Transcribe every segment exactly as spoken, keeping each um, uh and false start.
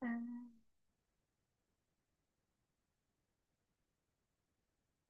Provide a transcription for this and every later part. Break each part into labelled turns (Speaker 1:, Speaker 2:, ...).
Speaker 1: À.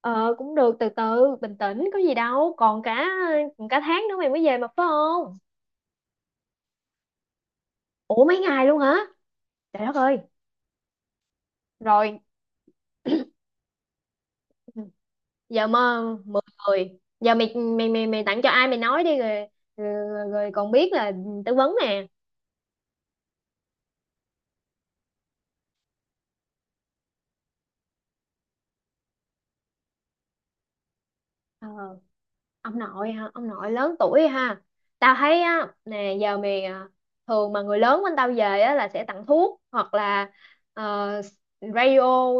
Speaker 1: ờ Cũng được, từ từ bình tĩnh có gì đâu, còn cả còn cả tháng nữa mày mới về mà phải không? Ủa, mấy ngày luôn hả? Trời đất ơi. Rồi giờ mà mười người giờ mày mày mày mày tặng cho ai mày nói đi rồi. Rồi, rồi còn biết là tư vấn nè. Ờ, ông nội hả? Ông nội lớn tuổi ha. Tao thấy á nè, giờ mày à, thường mà người lớn bên tao về á là sẽ tặng thuốc hoặc là ờ, radio.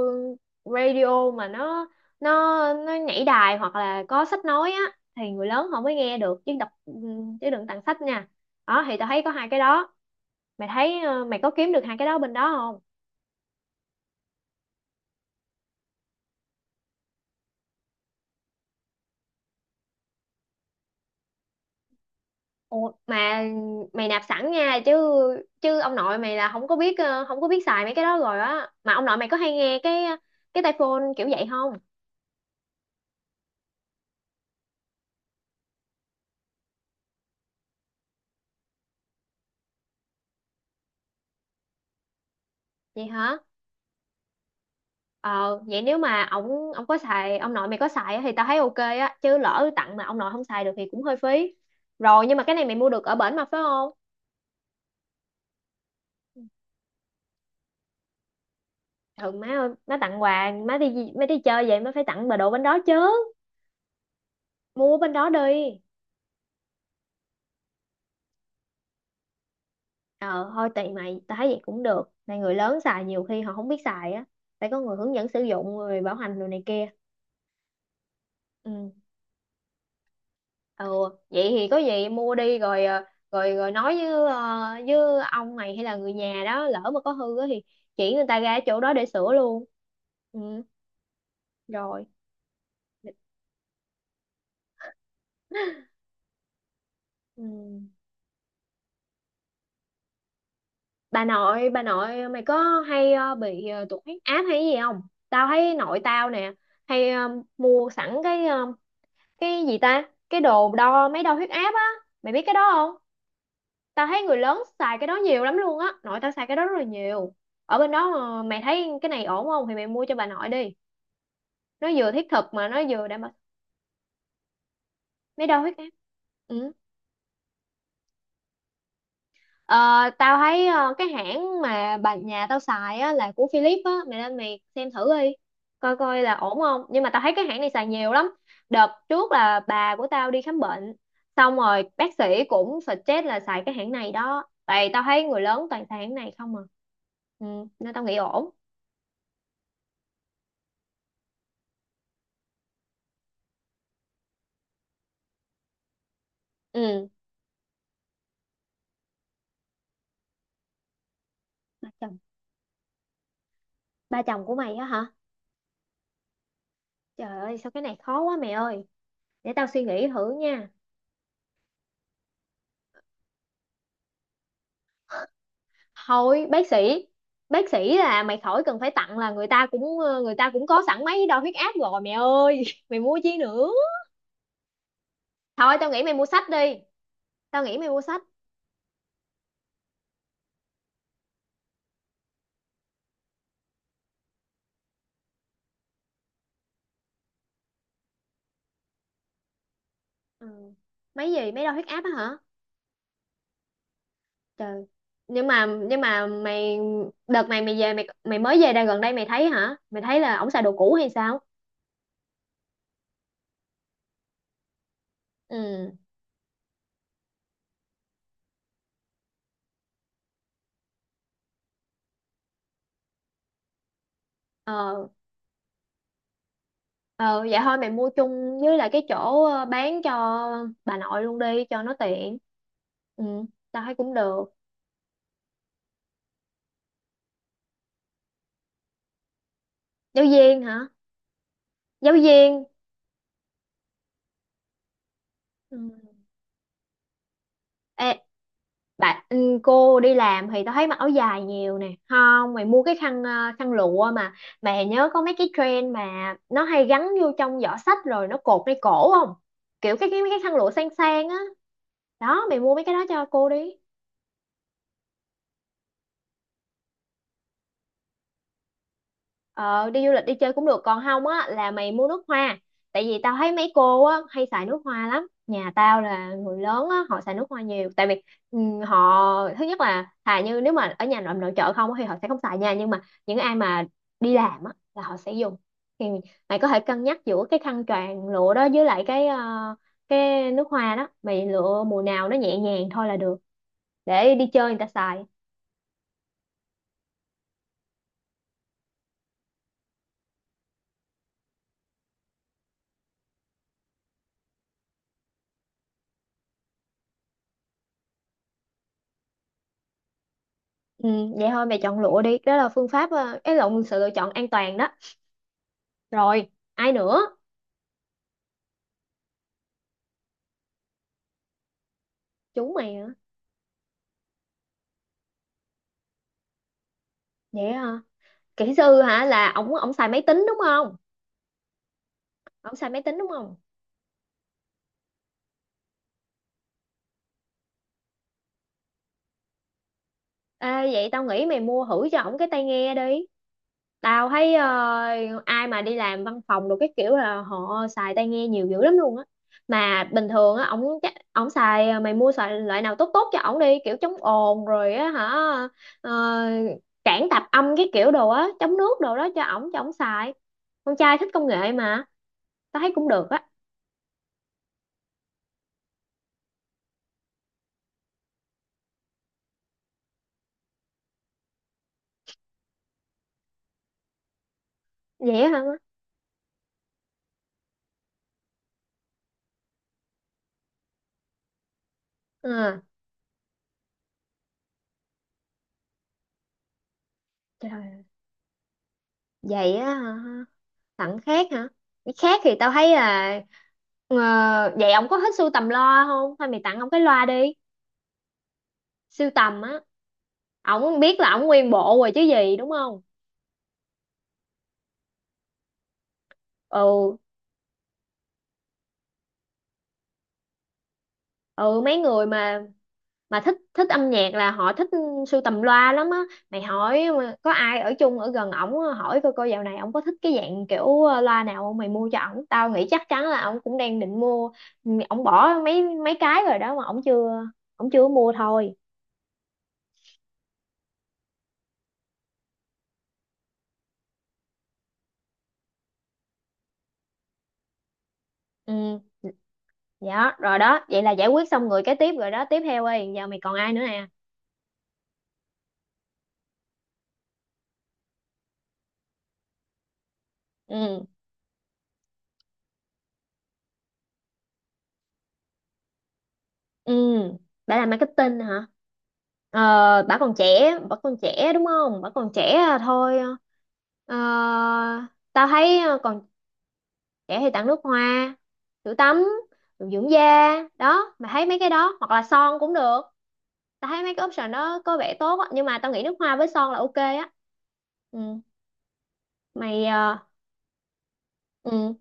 Speaker 1: Radio mà nó nó nó nhảy đài, hoặc là có sách nói á, thì người lớn họ mới nghe được, chứ đọc chứ đừng tặng sách nha. Đó, thì tao thấy có hai cái đó. Mày thấy ờ, mày có kiếm được hai cái đó bên đó không? Ủa, mà mày nạp sẵn nha, chứ chứ ông nội mày là không có biết ờ, không có biết xài mấy cái đó rồi á. Mà ông nội mày có hay nghe cái cái tai phone kiểu vậy không? Vậy hả? Ờ, vậy nếu mà ông ông có xài, ông nội mày có xài á, thì tao thấy ok á, chứ lỡ tặng mà ông nội không xài được thì cũng hơi phí. Rồi nhưng mà cái này mày mua được ở bển mà phải không? Thường má ơi, má tặng quà, má đi má đi chơi vậy má phải tặng bà đồ bên đó chứ, mua bên đó đi. Ờ thôi tùy mày, tao thấy vậy cũng được, này người lớn xài nhiều khi họ không biết xài á, phải có người hướng dẫn sử dụng, người bảo hành đồ này kia. Ừ. Ừ, vậy thì có gì mua đi rồi ờ, rồi rồi nói với ờ, với ông mày hay là người nhà đó, lỡ mà có hư á thì chỉ người ta ra ở chỗ đó để sửa luôn. Ừ. Rồi. Ừ. Bà nội, bà nội mày có hay ờ, bị ờ, tụt huyết áp hay gì không? Tao thấy nội tao nè hay ờ, mua sẵn cái ờ, cái gì ta, cái đồ đo mấy đo huyết áp á, mày biết cái đó không? Tao thấy người lớn xài cái đó nhiều lắm luôn á, nội tao xài cái đó rất là nhiều. Ở bên đó ờ, mày thấy cái này ổn không thì mày mua cho bà nội đi, nó vừa thiết thực mà nó vừa đảm bảo. Mấy đo huyết áp. Ừ. Ờ, tao thấy ờ, cái hãng mà bà nhà tao xài á, là của Philips á, mày lên mày xem thử đi, coi coi là ổn không. Nhưng mà tao thấy cái hãng này xài nhiều lắm. Đợt trước là bà của tao đi khám bệnh, xong rồi bác sĩ cũng suggest là xài cái hãng này đó. Tại tao thấy người lớn toàn xài hãng này không à, ừ, nên tao nghĩ ổn. Ừ, ba chồng, ba chồng của mày á hả? Trời ơi, sao cái này khó quá mày ơi, để tao suy nghĩ thử nha. Thôi bác sĩ. Bác sĩ là mày khỏi cần phải tặng, là người ta cũng ờ, người ta cũng có sẵn máy đo huyết áp rồi mẹ ơi mày mua chi nữa. Thôi tao nghĩ mày mua sách đi. Tao nghĩ mày mua sách. Ừ. Máy gì, máy đo huyết áp á hả? Trời. Nhưng mà nhưng mà mày, đợt này mày về, mày mày mới về đây gần đây mày thấy hả? Mày thấy là ổng xài đồ cũ hay sao? Ừ. Ờ. Ờ vậy thôi mày mua chung với lại cái chỗ ờ, bán cho bà nội luôn đi cho nó tiện. Ừ, tao thấy cũng được. Giáo viên hả? Giáo viên. Ừ. Ê, bạn, ừ, cô đi làm thì tao thấy mặc áo dài nhiều nè, không mày mua cái khăn ờ, khăn lụa mà, mày nhớ có mấy cái trend mà nó hay gắn vô trong giỏ xách rồi nó cột ngay cổ không, kiểu cái cái mấy cái khăn lụa sang sang á, đó mày mua mấy cái đó cho cô đi. Ờ, đi du lịch đi chơi cũng được, còn không á là mày mua nước hoa, tại vì tao thấy mấy cô á hay xài nước hoa lắm, nhà tao là người lớn á họ xài nước hoa nhiều, tại vì ừ, họ thứ nhất là thà như nếu mà ở nhà nội nội trợ không á thì họ sẽ không xài nha, nhưng mà những ai mà đi làm á là họ sẽ dùng, thì mày có thể cân nhắc giữa cái khăn choàng lụa đó với lại cái ờ, cái nước hoa đó, mày lựa mùa nào nó nhẹ nhàng thôi là được, để đi chơi người ta xài. Ừ, vậy thôi mày chọn lụa đi, đó là phương pháp ờ, cái lộn, sự lựa chọn an toàn đó. Rồi, ai nữa? Chú mày hả? Vậy hả? Kỹ sư hả, là ổng, ổng xài máy tính đúng không? Ổng xài máy tính đúng không? Ê, vậy tao nghĩ mày mua thử cho ổng cái tai nghe đi. Tao thấy ờ, ai mà đi làm văn phòng đồ cái kiểu là họ xài tai nghe nhiều dữ lắm luôn á. Mà bình thường á ổng chắc ổng xài, mày mua xài loại nào tốt tốt cho ổng đi, kiểu chống ồn rồi á hả? Ờ, cản tạp âm cái kiểu đồ á, chống nước đồ đó cho ổng, cho ổng xài. Con trai thích công nghệ mà, tao thấy cũng được á. Vậy hả? À, trời ơi, vậy á hả? Tặng khác hả, cái khác thì tao thấy là ờ, vậy ông có thích sưu tầm loa không, thôi mày tặng ông cái loa đi. Sưu tầm á, ổng biết là ổng nguyên bộ rồi chứ gì đúng không? Ừ. Ừ, mấy người mà mà thích thích âm nhạc là họ thích sưu tầm loa lắm á, mày hỏi mà có ai ở chung ở gần ổng á, hỏi coi coi dạo này ổng có thích cái dạng kiểu ờ, loa nào không, mày mua cho ổng tao nghĩ chắc chắn là ổng cũng đang định mua. Ừ, ổng bỏ mấy mấy cái rồi đó mà ổng chưa, ổng chưa mua thôi. Ừ. Dạ rồi đó, vậy là giải quyết xong người cái tiếp rồi đó, tiếp theo ơi giờ mày còn ai nữa nè? Ừ. Ừ, bà làm marketing hả? Ờ, bà còn trẻ, bà còn trẻ đúng không? Bà còn trẻ à, thôi. Ờ, tao thấy ờ, còn trẻ thì tặng nước hoa, sữa tắm, đồ dưỡng da, đó, mày thấy mấy cái đó hoặc là son cũng được. Tao thấy mấy cái option đó có vẻ tốt á, nhưng mà tao nghĩ nước hoa với son là ok á. Ừ, mày ờ, ừ,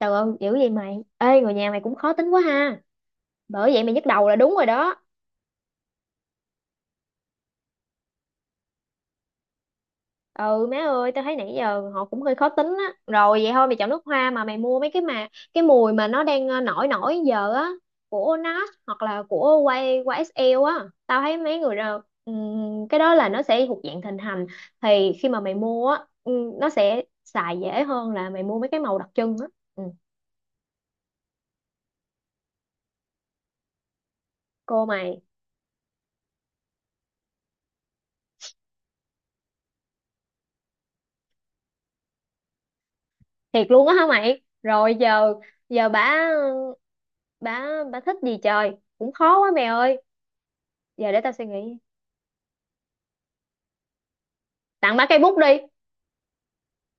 Speaker 1: trời ơi, dữ vậy mày. Ê, người nhà mày cũng khó tính quá ha. Bởi vậy mày nhức đầu là đúng rồi đó. Ừ má ơi, tao thấy nãy giờ họ cũng hơi khó tính á, rồi vậy thôi mày chọn nước hoa, mà mày mua mấy cái mà cái mùi mà nó đang ờ, nổi nổi giờ á, của NARS hoặc là của quay qua ét eo á, tao thấy mấy người đó, ừm, cái đó là nó sẽ thuộc dạng thịnh hành, thì khi mà mày mua á ừm, nó sẽ xài dễ hơn là mày mua mấy cái màu đặc trưng á. Ừ. Cô mày, thiệt luôn á hả mày, rồi giờ giờ bả bả bả thích gì trời, cũng khó quá mày ơi. Giờ để tao suy nghĩ, tặng bả cây bút đi.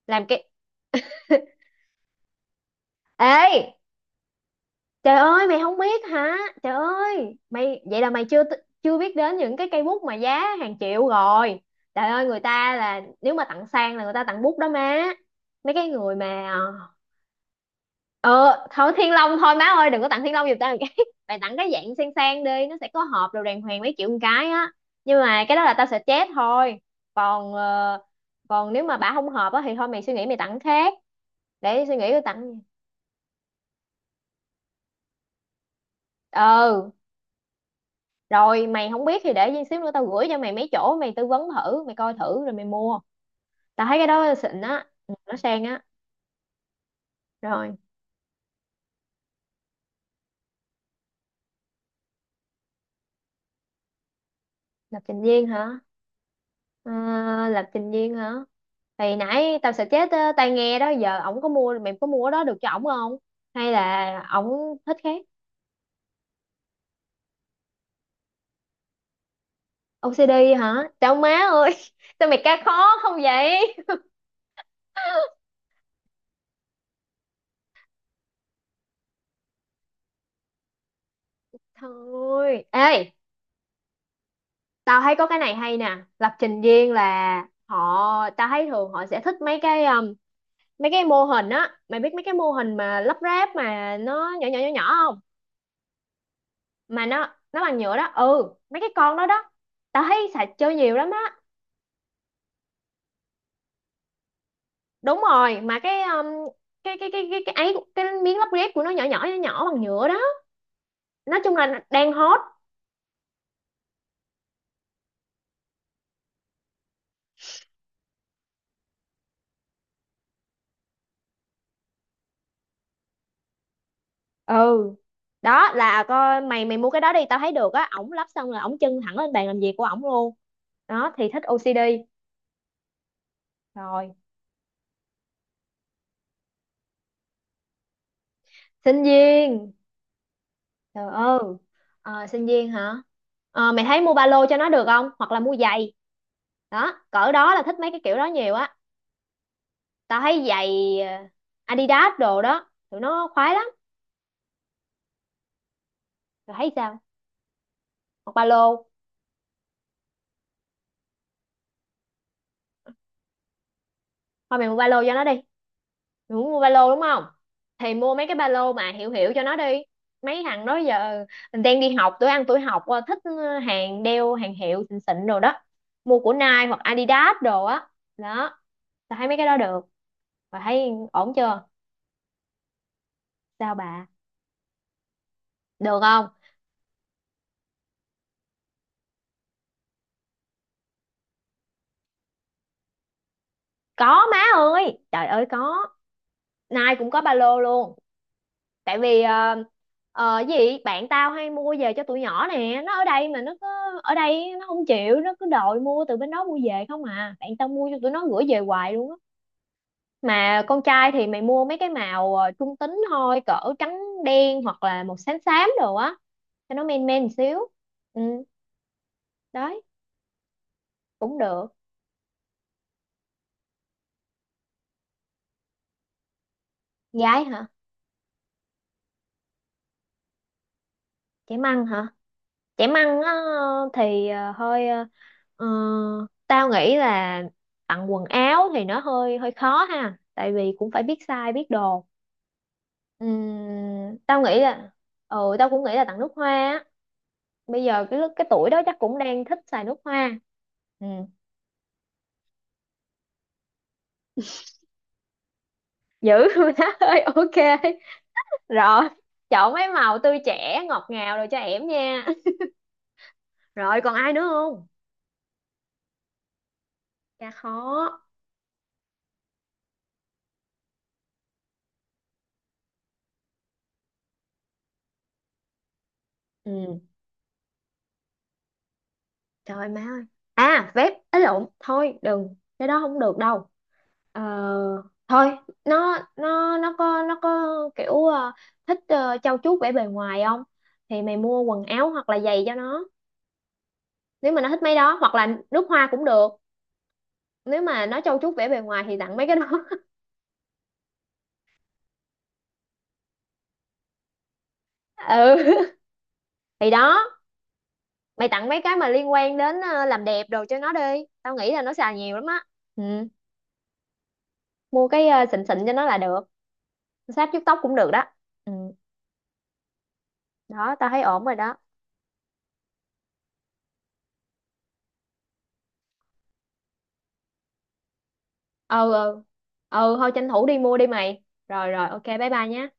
Speaker 1: Làm cây. Ê, trời ơi mày không biết hả? Trời ơi, mày vậy là mày chưa t- chưa biết đến những cái cây bút mà giá hàng triệu rồi. Trời ơi, người ta là nếu mà tặng sang là người ta tặng bút đó má. Mấy cái người mà ờ thôi Thiên Long thôi má ơi, đừng có tặng Thiên Long giùm tao một cái. Mày tặng cái dạng sang sang đi, nó sẽ có hộp đồ đàng hoàng mấy triệu một cái á. Nhưng mà cái đó là tao sẽ chết thôi. Còn ờ, còn nếu mà bả không hợp á thì thôi mày suy nghĩ mày tặng khác. Để suy nghĩ tao tặng. Ừ, rồi mày không biết thì để gì xíu nữa tao gửi cho mày mấy chỗ mày tư vấn thử, mày coi thử rồi mày mua. Tao thấy cái đó xịn á, ừ, nó sang á. Rồi, lập trình viên hả? Ờ, lập trình viên hả? Thì nãy tao sẽ chết, ờ, tai nghe đó giờ ổng có mua, mày có mua cái đó được cho ổng không, hay là ổng thích khác? ô xê đê hả? Chào má ơi. Sao mày ca khó không vậy? Thôi, ê, tao thấy có cái này hay nè, lập trình viên là họ, tao thấy thường họ sẽ thích mấy cái um, mấy cái mô hình á, mày biết mấy cái mô hình mà lắp ráp mà nó nhỏ nhỏ nhỏ nhỏ không? Mà nó nó bằng nhựa đó, ừ, mấy cái con đó đó, tao thấy xài chơi nhiều lắm á. Đúng rồi, mà cái um, cái cái cái cái cái ấy cái miếng lắp ghép của nó nhỏ nhỏ nhỏ nhỏ bằng nhựa đó. Nói chung là đang hot. Ừ, đó là coi, mày mày mua cái đó đi, tao thấy được á. Ổng lắp xong là ổng chân thẳng lên bàn làm việc của ổng luôn. Đó thì thích ô xê đê. Rồi, sinh viên. Trời ơi, ờ, sinh viên hả? Ờ, mày thấy mua ba lô cho nó được không? Hoặc là mua giày. Đó, cỡ đó là thích mấy cái kiểu đó nhiều á. Tao thấy giày, ờ, Adidas đồ đó, tụi nó khoái lắm. Rồi thấy sao? Hoặc ba lô. Thôi mày mua ba lô cho nó đi. Mày muốn mua ba lô đúng không? Thì mua mấy cái ba lô mà hiệu hiệu cho nó đi. Mấy thằng đó giờ mình đang đi học, tuổi ăn tuổi học, ờ, thích ờ, hàng đeo hàng hiệu xịn xịn đồ đó. Mua của Nike hoặc Adidas đồ á. Đó, tao thấy mấy cái đó được. Và thấy ổn chưa? Sao bà? Được không? Có má ơi, trời ơi có. Nai cũng có ba lô luôn. Tại vì ờ, ờ, cái gì bạn tao hay mua về cho tụi nhỏ nè, nó ở đây mà nó cứ ở đây nó không chịu, nó cứ đòi mua từ bên đó mua về không à. Bạn tao mua cho tụi nó gửi về hoài luôn á. Mà con trai thì mày mua mấy cái màu ờ, trung tính thôi, cỡ trắng đen hoặc là màu xám xám đồ á, cho nó men men một xíu. Ừ, đấy, cũng được. Gái hả? Trẻ măng hả? Chẻ măng á. Thì ờ, hơi ờ, ờ, tao nghĩ là tặng quần áo thì nó hơi hơi khó ha, tại vì cũng phải biết size biết đồ. Ừm, tao nghĩ là ừ, tao cũng nghĩ là tặng nước hoa á. Bây giờ cái lúc- cái tuổi đó chắc cũng đang thích xài nước hoa. Ừ, dữ má ơi, ok. Rồi, chọn mấy màu tươi trẻ ngọt ngào rồi cho em nha. Rồi còn ai nữa không? Cha khó. Ừ. Trời ơi má ơi. À vép ấy lộn, thôi đừng, cái đó không được đâu. Ờ, thôi, nó nó nó có nó có kiểu ờ, thích ờ, trau chuốt vẻ bề ngoài không? Thì mày mua quần áo hoặc là giày cho nó, nếu mà nó thích mấy đó, hoặc là nước hoa cũng được. Nếu mà nó trau chuốt vẻ bề ngoài thì tặng mấy cái đó. Ừ, thì đó, mày tặng mấy cái mà liên quan đến ờ, làm đẹp đồ cho nó đi, tao nghĩ là nó xài nhiều lắm á. Ừ, mua cái ờ, xịn xịn cho nó là được. Sáp vuốt tóc cũng được đó. Ừ. Đó, tao thấy ổn rồi đó. Ừ ừ. Ừ thôi, tranh thủ đi mua đi mày. Rồi rồi, ok, bye bye nhé.